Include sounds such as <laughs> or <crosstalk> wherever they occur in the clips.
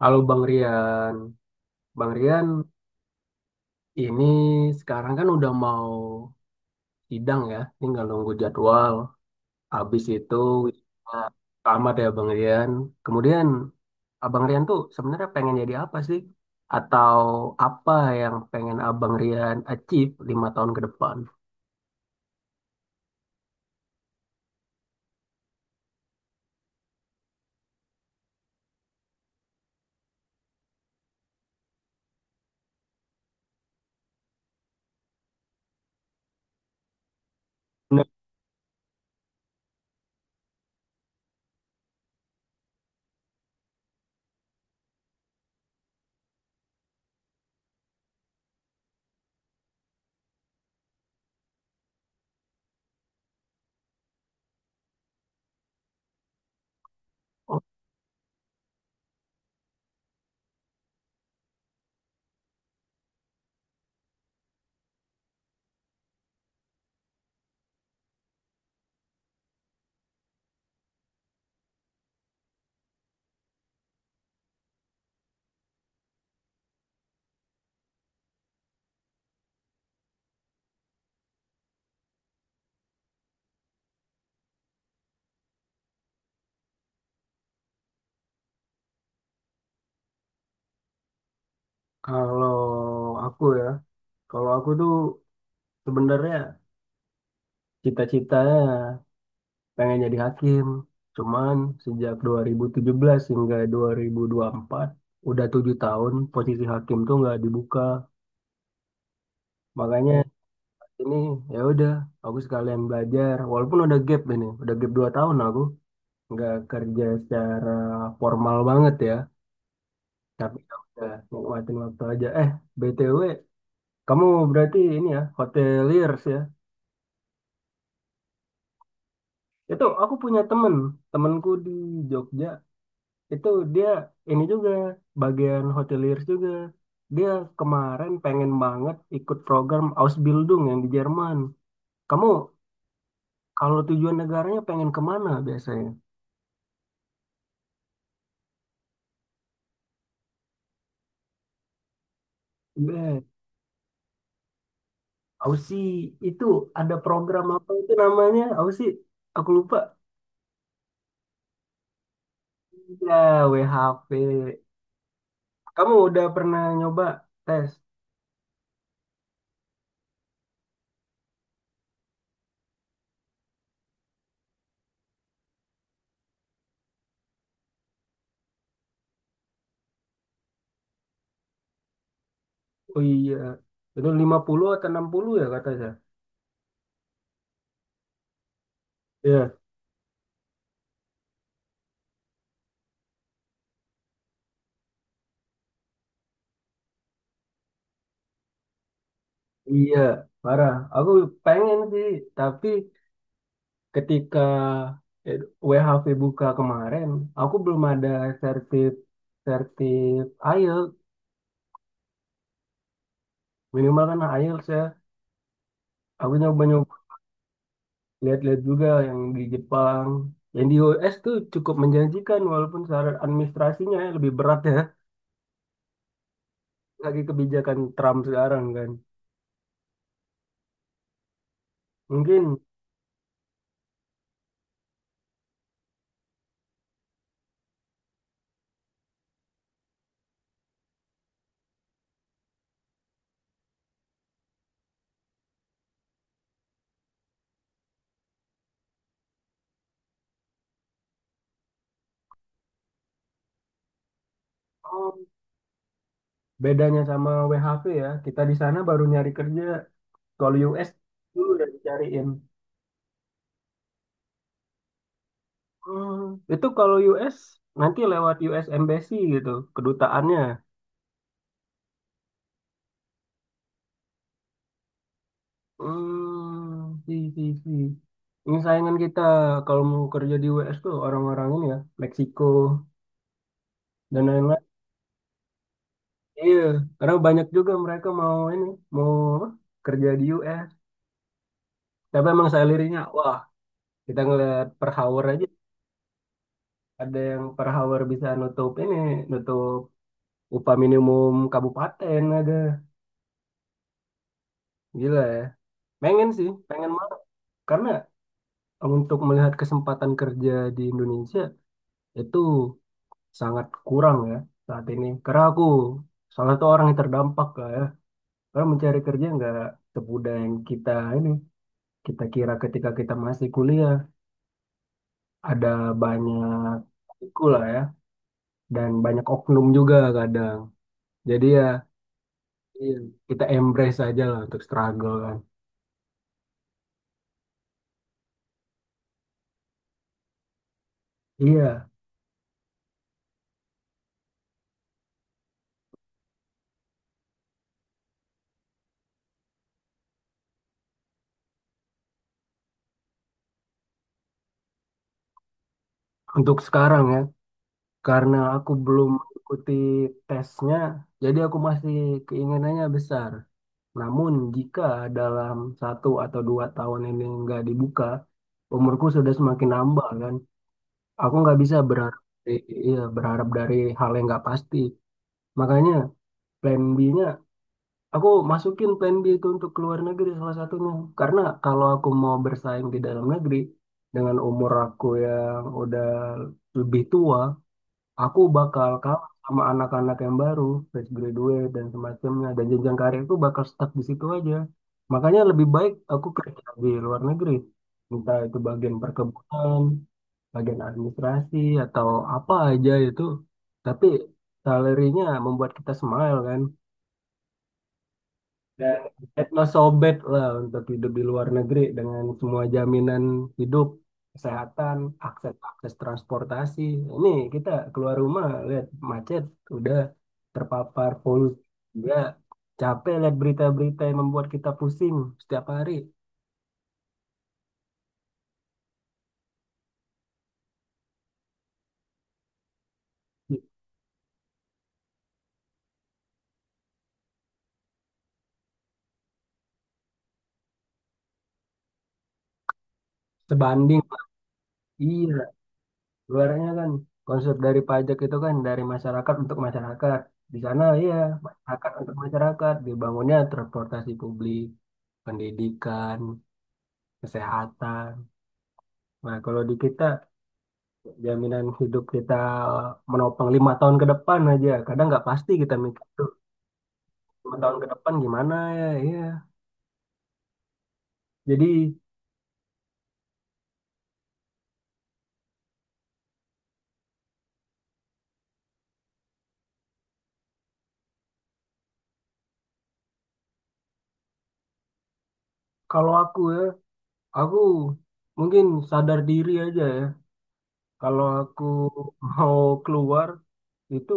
Halo Bang Rian. Bang Rian, ini sekarang kan udah mau sidang ya, tinggal nunggu jadwal. Habis itu wisuda. Tamat ya Bang Rian. Kemudian Abang Rian tuh sebenarnya pengen jadi apa sih? Atau apa yang pengen Abang Rian achieve 5 tahun ke depan? Nah, kalau aku ya, kalau aku tuh sebenarnya cita-citanya pengen jadi hakim. Cuman sejak 2017 hingga 2024 udah 7 tahun posisi hakim tuh nggak dibuka. Makanya, oh, ini ya udah, aku sekalian belajar. Walaupun udah gap 2 tahun aku nggak kerja secara formal banget ya. Tapi ya udah nikmatin waktu aja. BTW, kamu berarti ini ya hoteliers ya. Itu aku punya temenku di Jogja itu dia ini juga bagian hoteliers juga. Dia kemarin pengen banget ikut program Ausbildung yang di Jerman. Kamu kalau tujuan negaranya pengen kemana biasanya? Be, Aussie itu ada program apa itu namanya? Aussie, aku lupa. Ya, WHP. Kamu udah pernah nyoba tes? Oh iya, itu 50 atau 60 ya kata saya. Iya, iya, parah. Aku pengen sih, tapi ketika eh, WHV buka kemarin, aku belum ada sertif sertif IELTS. Minimal kan IELTS ya. Aku nyoba-nyoba lihat-lihat juga yang di Jepang. Yang di US tuh cukup menjanjikan walaupun syarat administrasinya ya lebih berat ya. <laughs> Lagi kebijakan Trump sekarang kan. Mungkin. Oh, bedanya sama WHV ya, kita di sana baru nyari kerja. Kalau US dulu udah dicariin. Hmm, itu kalau US nanti lewat US Embassy gitu, kedutaannya. Hmm, si, si, si. Ini saingan kita kalau mau kerja di US tuh orang-orang ini ya, Meksiko dan lain-lain. Iya, karena banyak juga mereka mau ini, mau apa, kerja di US. Tapi emang salarynya, wah, kita ngeliat per hour aja, ada yang per hour bisa nutup upah minimum kabupaten ada. Gila ya. Pengen sih, pengen banget. Karena untuk melihat kesempatan kerja di Indonesia itu sangat kurang ya saat ini. Karena aku salah satu orang yang terdampak lah ya. Karena mencari kerja nggak semudah yang ini kita kira ketika kita masih kuliah ada banyak tiku lah ya dan banyak oknum juga kadang. Jadi ya iya, kita embrace aja lah untuk struggle kan. Iya, untuk sekarang ya. Karena aku belum mengikuti tesnya, jadi aku masih keinginannya besar. Namun jika dalam 1 atau 2 tahun ini nggak dibuka, umurku sudah semakin nambah kan. Aku nggak bisa berharap, iya, berharap dari hal yang nggak pasti. Makanya plan B-nya, aku masukin plan B itu untuk keluar negeri salah satunya. Karena kalau aku mau bersaing di dalam negeri, dengan umur aku yang udah lebih tua, aku bakal kalah sama anak-anak yang baru, fresh graduate dan semacamnya. Dan jenjang karir itu bakal stuck di situ aja. Makanya lebih baik aku kerja di luar negeri. Entah itu bagian perkebunan, bagian administrasi, atau apa aja itu. Tapi salarinya membuat kita smile kan. Dan Etno sobek lah untuk hidup di luar negeri dengan semua jaminan hidup, kesehatan, akses akses transportasi. Ini kita keluar rumah lihat macet, udah terpapar polusi, udah capek lihat berita-berita yang membuat kita pusing setiap hari. Sebanding, iya, luarnya kan konsep dari pajak itu kan dari masyarakat untuk masyarakat. Di sana iya, masyarakat untuk masyarakat, dibangunnya transportasi publik pendidikan, kesehatan. Nah, kalau di kita jaminan hidup kita menopang 5 tahun ke depan aja. Kadang nggak pasti kita mikir tuh 5 tahun ke depan gimana ya. Iya. Jadi kalau aku ya, aku mungkin sadar diri aja ya. Kalau aku <laughs> mau keluar itu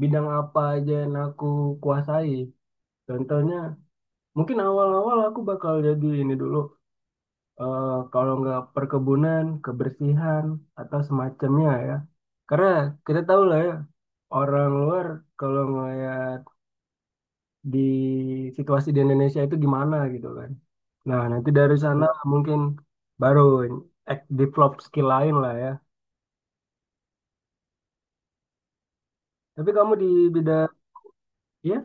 bidang apa aja yang aku kuasai. Contohnya, mungkin awal-awal aku bakal jadi ini dulu, eh, kalau nggak perkebunan, kebersihan, atau semacamnya ya. Karena kita tahu lah ya, orang luar kalau ngeliat di situasi di Indonesia itu gimana gitu kan. Nah, nanti dari sana mungkin baru develop skill lain lah ya. Tapi kamu di bidang, ya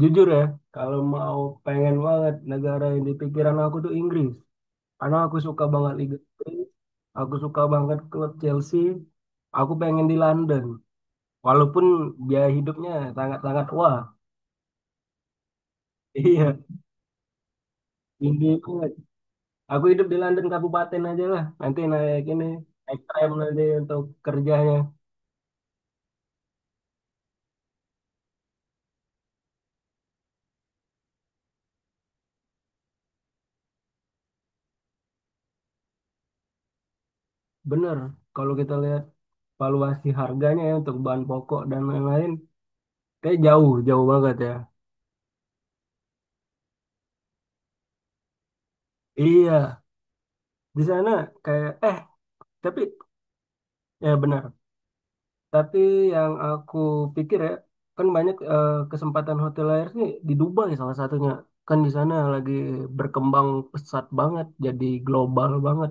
jujur ya, kalau mau pengen banget negara yang di pikiran aku tuh Inggris. Karena aku suka banget Liga Inggris, aku suka banget klub Chelsea, aku pengen di London. Walaupun biaya hidupnya sangat-sangat wah. <laughs> Iya, tinggi banget. Aku hidup di London kabupaten aja lah. Nanti naik tram nanti untuk kerjanya. Bener, kalau kita lihat valuasi harganya ya untuk bahan pokok dan lain-lain, kayak jauh, jauh banget ya. Iya, di sana kayak tapi ya benar. Tapi yang aku pikir ya, kan banyak kesempatan hotel air nih di Dubai salah satunya. Kan di sana lagi berkembang pesat banget, jadi global banget.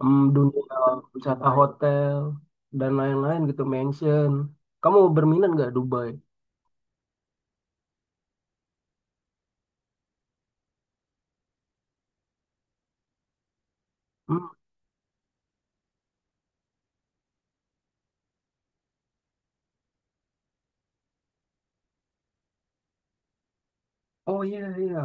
Dunia wisata hotel dan lain-lain gitu, mansion. Kamu berminat nggak Dubai? Hmm? Oh iya iya,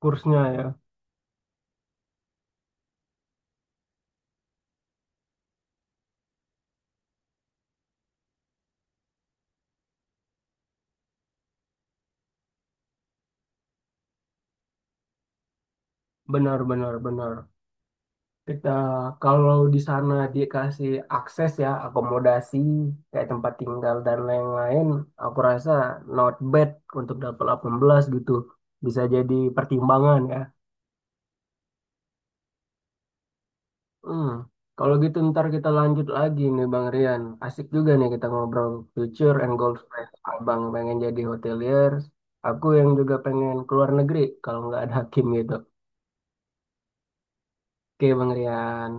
kursnya ya. Benar benar benar. Kita kalau di sana dikasih akses ya akomodasi kayak tempat tinggal dan lain-lain, aku rasa not bad untuk dapat 18 gitu. Bisa jadi pertimbangan ya. Hmm. Kalau gitu ntar kita lanjut lagi nih Bang Rian. Asik juga nih kita ngobrol future and goals plan. Abang pengen jadi hotelier, aku yang juga pengen keluar negeri kalau nggak ada Hakim gitu. Oke Bang Rian.